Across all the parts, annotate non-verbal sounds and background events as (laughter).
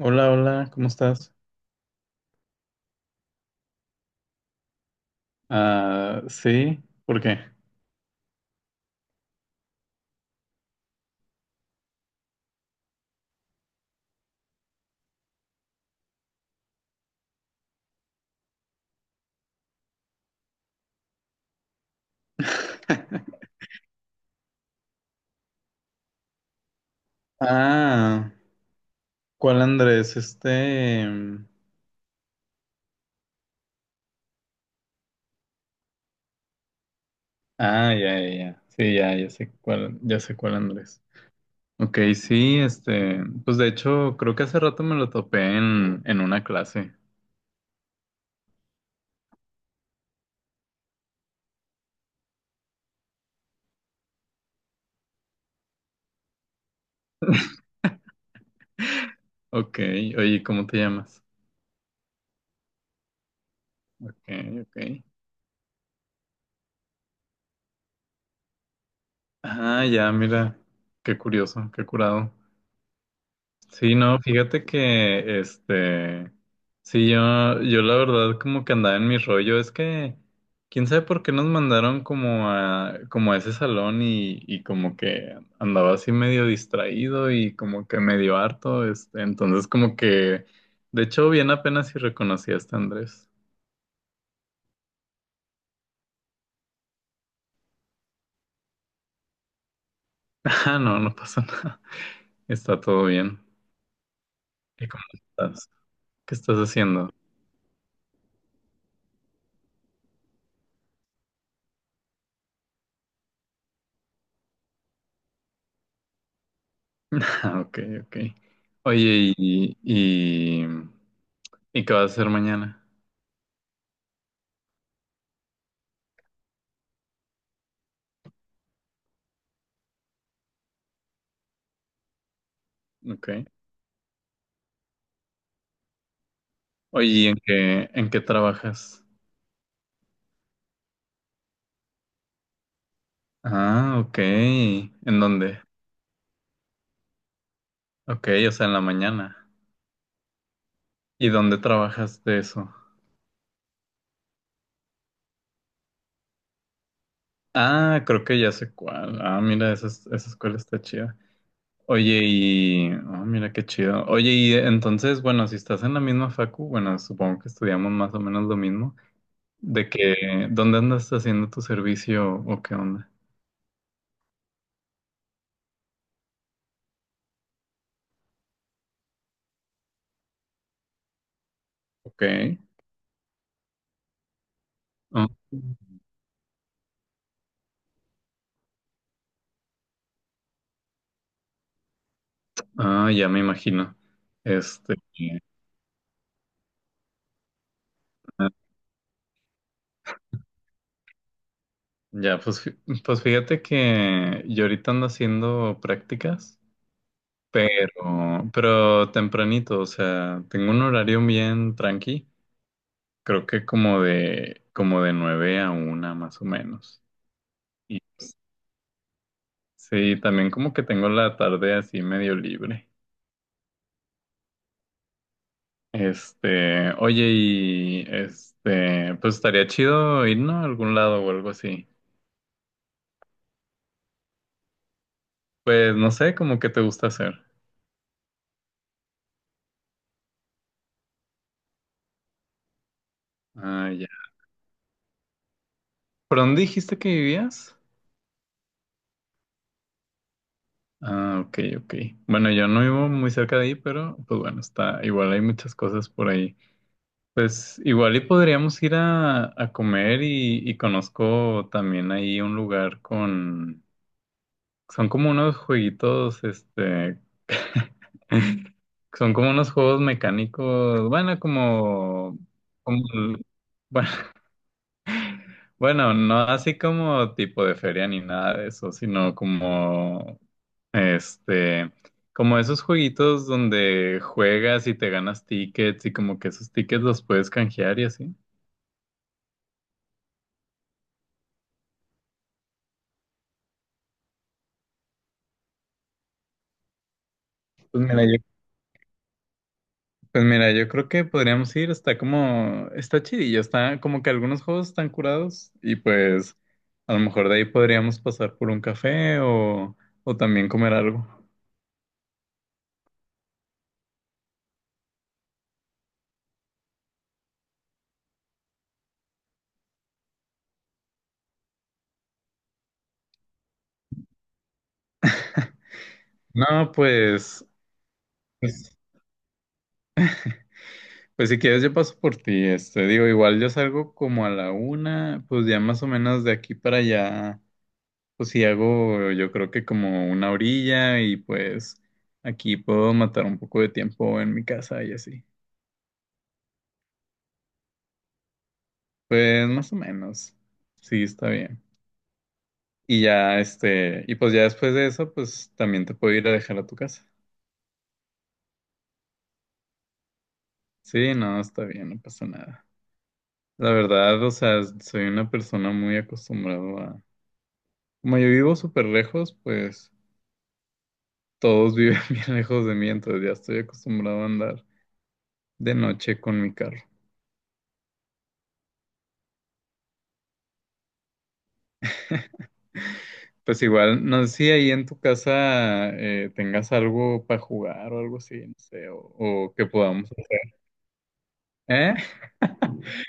Hola, hola, ¿cómo estás? Ah, sí, ¿por qué? Ah, ¿cuál Andrés? Ah, ya, ya, ya. Sí, ya, ya sé cuál Andrés. Ok, sí, este. Pues de hecho, creo que hace rato me lo topé en una clase. Ok, oye, ¿cómo te llamas? Ok, ok. Ah, ya, mira. Qué curioso, qué curado. Sí, no, fíjate que, este, sí, yo la verdad como que andaba en mi rollo, es que, quién sabe por qué nos mandaron como a ese salón y como que andaba así medio distraído y como que medio harto, este, entonces como que, de hecho, bien apenas si reconocí a este Andrés. (laughs) Ah, no, no pasa nada, está todo bien. ¿Y cómo estás? ¿Qué estás haciendo? (laughs) Ah, ok, ok. Oye, y... ¿Y qué vas a hacer mañana? Ok. Oye, ¿y en qué trabajas? Ah, ok. ¿En dónde? Ok, o sea, en la mañana. ¿Y dónde trabajas de eso? Ah, creo que ya sé cuál. Ah, mira, esa, esa escuela está chida. Oye, y... ah, mira qué chido. Oye, y entonces, bueno, si estás en la misma facu, bueno, supongo que estudiamos más o menos lo mismo, de que, ¿dónde andas haciendo tu servicio o qué onda? Ok. Ah, ah, ya me imagino. Este... Ya, pues, pues fíjate que yo ahorita ando haciendo prácticas, pero tempranito, o sea, tengo un horario bien tranqui, creo que como de nueve a una más o menos. Y sí, también como que tengo la tarde así medio libre. Este, oye, y este, pues estaría chido irnos a algún lado o algo así. Pues no sé, como que te gusta hacer. Ah, ya. ¿Por dónde dijiste que vivías? Ah, ok, ok. Bueno, yo no vivo muy cerca de ahí, pero pues bueno, está igual hay muchas cosas por ahí. Pues igual y podríamos ir a comer y conozco también ahí un lugar con... Son como unos jueguitos, este... (laughs) Son como unos juegos mecánicos, bueno, como... como el- bueno, (laughs) bueno, no así como tipo de feria ni nada de eso, sino como... Este, como esos jueguitos donde juegas y te ganas tickets y como que esos tickets los puedes canjear y así. Pues mira, yo, pues mira, yo creo que podríamos ir, está como, está chidillo, está como que algunos juegos están curados y pues a lo mejor de ahí podríamos pasar por un café o también comer algo. No, pues, pues si quieres yo paso por ti, este, digo, igual yo salgo como a la una, pues ya más o menos de aquí para allá. Pues sí, hago yo creo que como una orilla y pues aquí puedo matar un poco de tiempo en mi casa y así. Pues más o menos. Sí, está bien. Y ya este, y pues ya después de eso, pues también te puedo ir a dejar a tu casa. Sí, no, está bien, no pasa nada. La verdad, o sea, soy una persona muy acostumbrado a... Como yo vivo súper lejos, pues todos viven (laughs) bien lejos de mí, entonces ya estoy acostumbrado a andar de noche con mi carro. Pues igual, no sé si ahí en tu casa tengas algo para jugar o algo así, no sé, o que podamos, ¿eh? (laughs)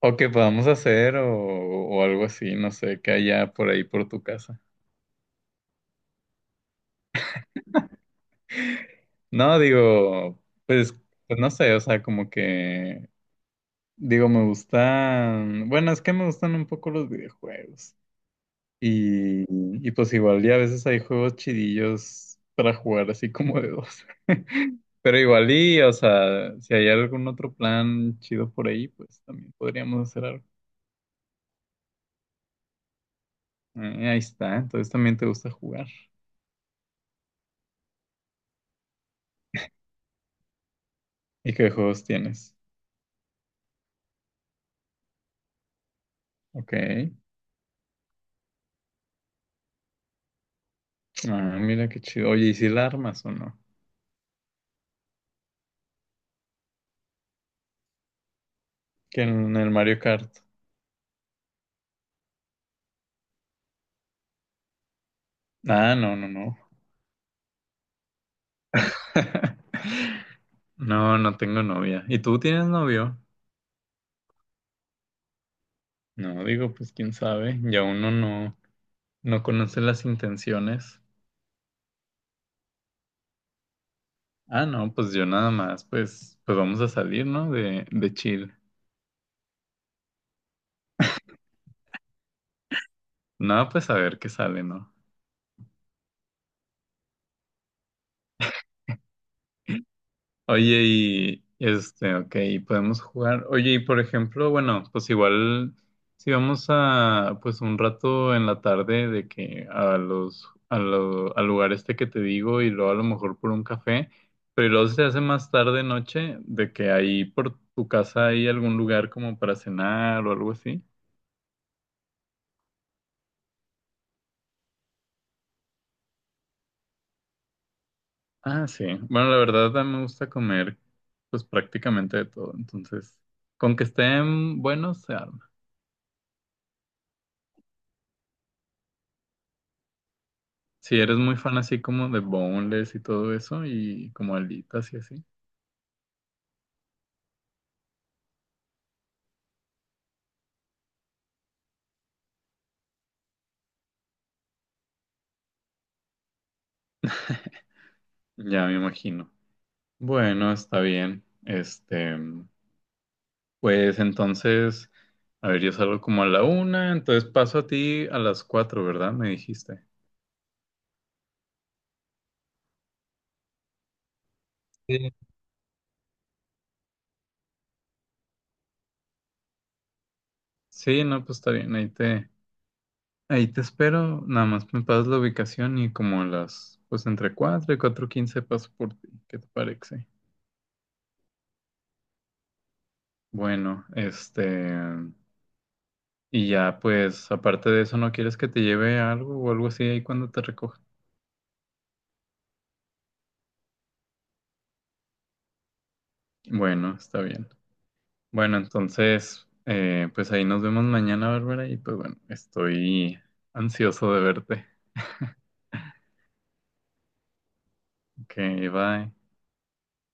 O que podamos hacer o algo así, no sé, que haya por ahí por tu casa. No, digo, pues, pues no sé, o sea, como que, digo, me gustan, bueno, es que me gustan un poco los videojuegos. Y, y pues igual, y, a veces hay juegos chidillos para jugar así como de dos. (laughs) Pero igual, y, o sea, si hay algún otro plan chido por ahí, pues también podríamos hacer algo. Ahí está, entonces también te gusta jugar. ¿Y qué juegos tienes? Ok. Ah, mira qué chido. Oye, ¿y si la armas o no? Que en el Mario Kart. Ah, no, no, no. (laughs) No, no tengo novia. ¿Y tú tienes novio? No, digo, pues quién sabe. Ya uno no. No conocen las intenciones. Ah, no, pues yo nada más, pues, pues vamos a salir, ¿no? De chill. No, pues a ver qué sale, ¿no? Oye, y este, ok, podemos jugar. Oye, y por ejemplo, bueno, pues igual si vamos a, pues un rato en la tarde de que a los, al lugar este que te digo y luego a lo mejor por un café, pero luego se hace más tarde noche de que ahí por tu casa hay algún lugar como para cenar o algo así. Ah, sí. Bueno, la verdad a mí me gusta comer pues prácticamente de todo. Entonces, con que estén buenos se arma. Si eres muy fan así como de boneless y todo eso y como alitas y así, ya me imagino. Bueno, está bien. Este, pues entonces, a ver, yo salgo como a la una, entonces paso a ti a las cuatro, ¿verdad? Me dijiste. Sí. Sí, no, pues está bien. Ahí te espero, nada más me pasas la ubicación y como a las, pues entre 4 y 4:15 paso por ti, ¿qué te parece? Bueno, este, y ya pues aparte de eso, ¿no quieres que te lleve algo o algo así ahí cuando te recoja? Bueno, está bien. Bueno, entonces, pues ahí nos vemos mañana, Bárbara, y pues bueno, estoy ansioso de verte. (laughs) Ok, bye.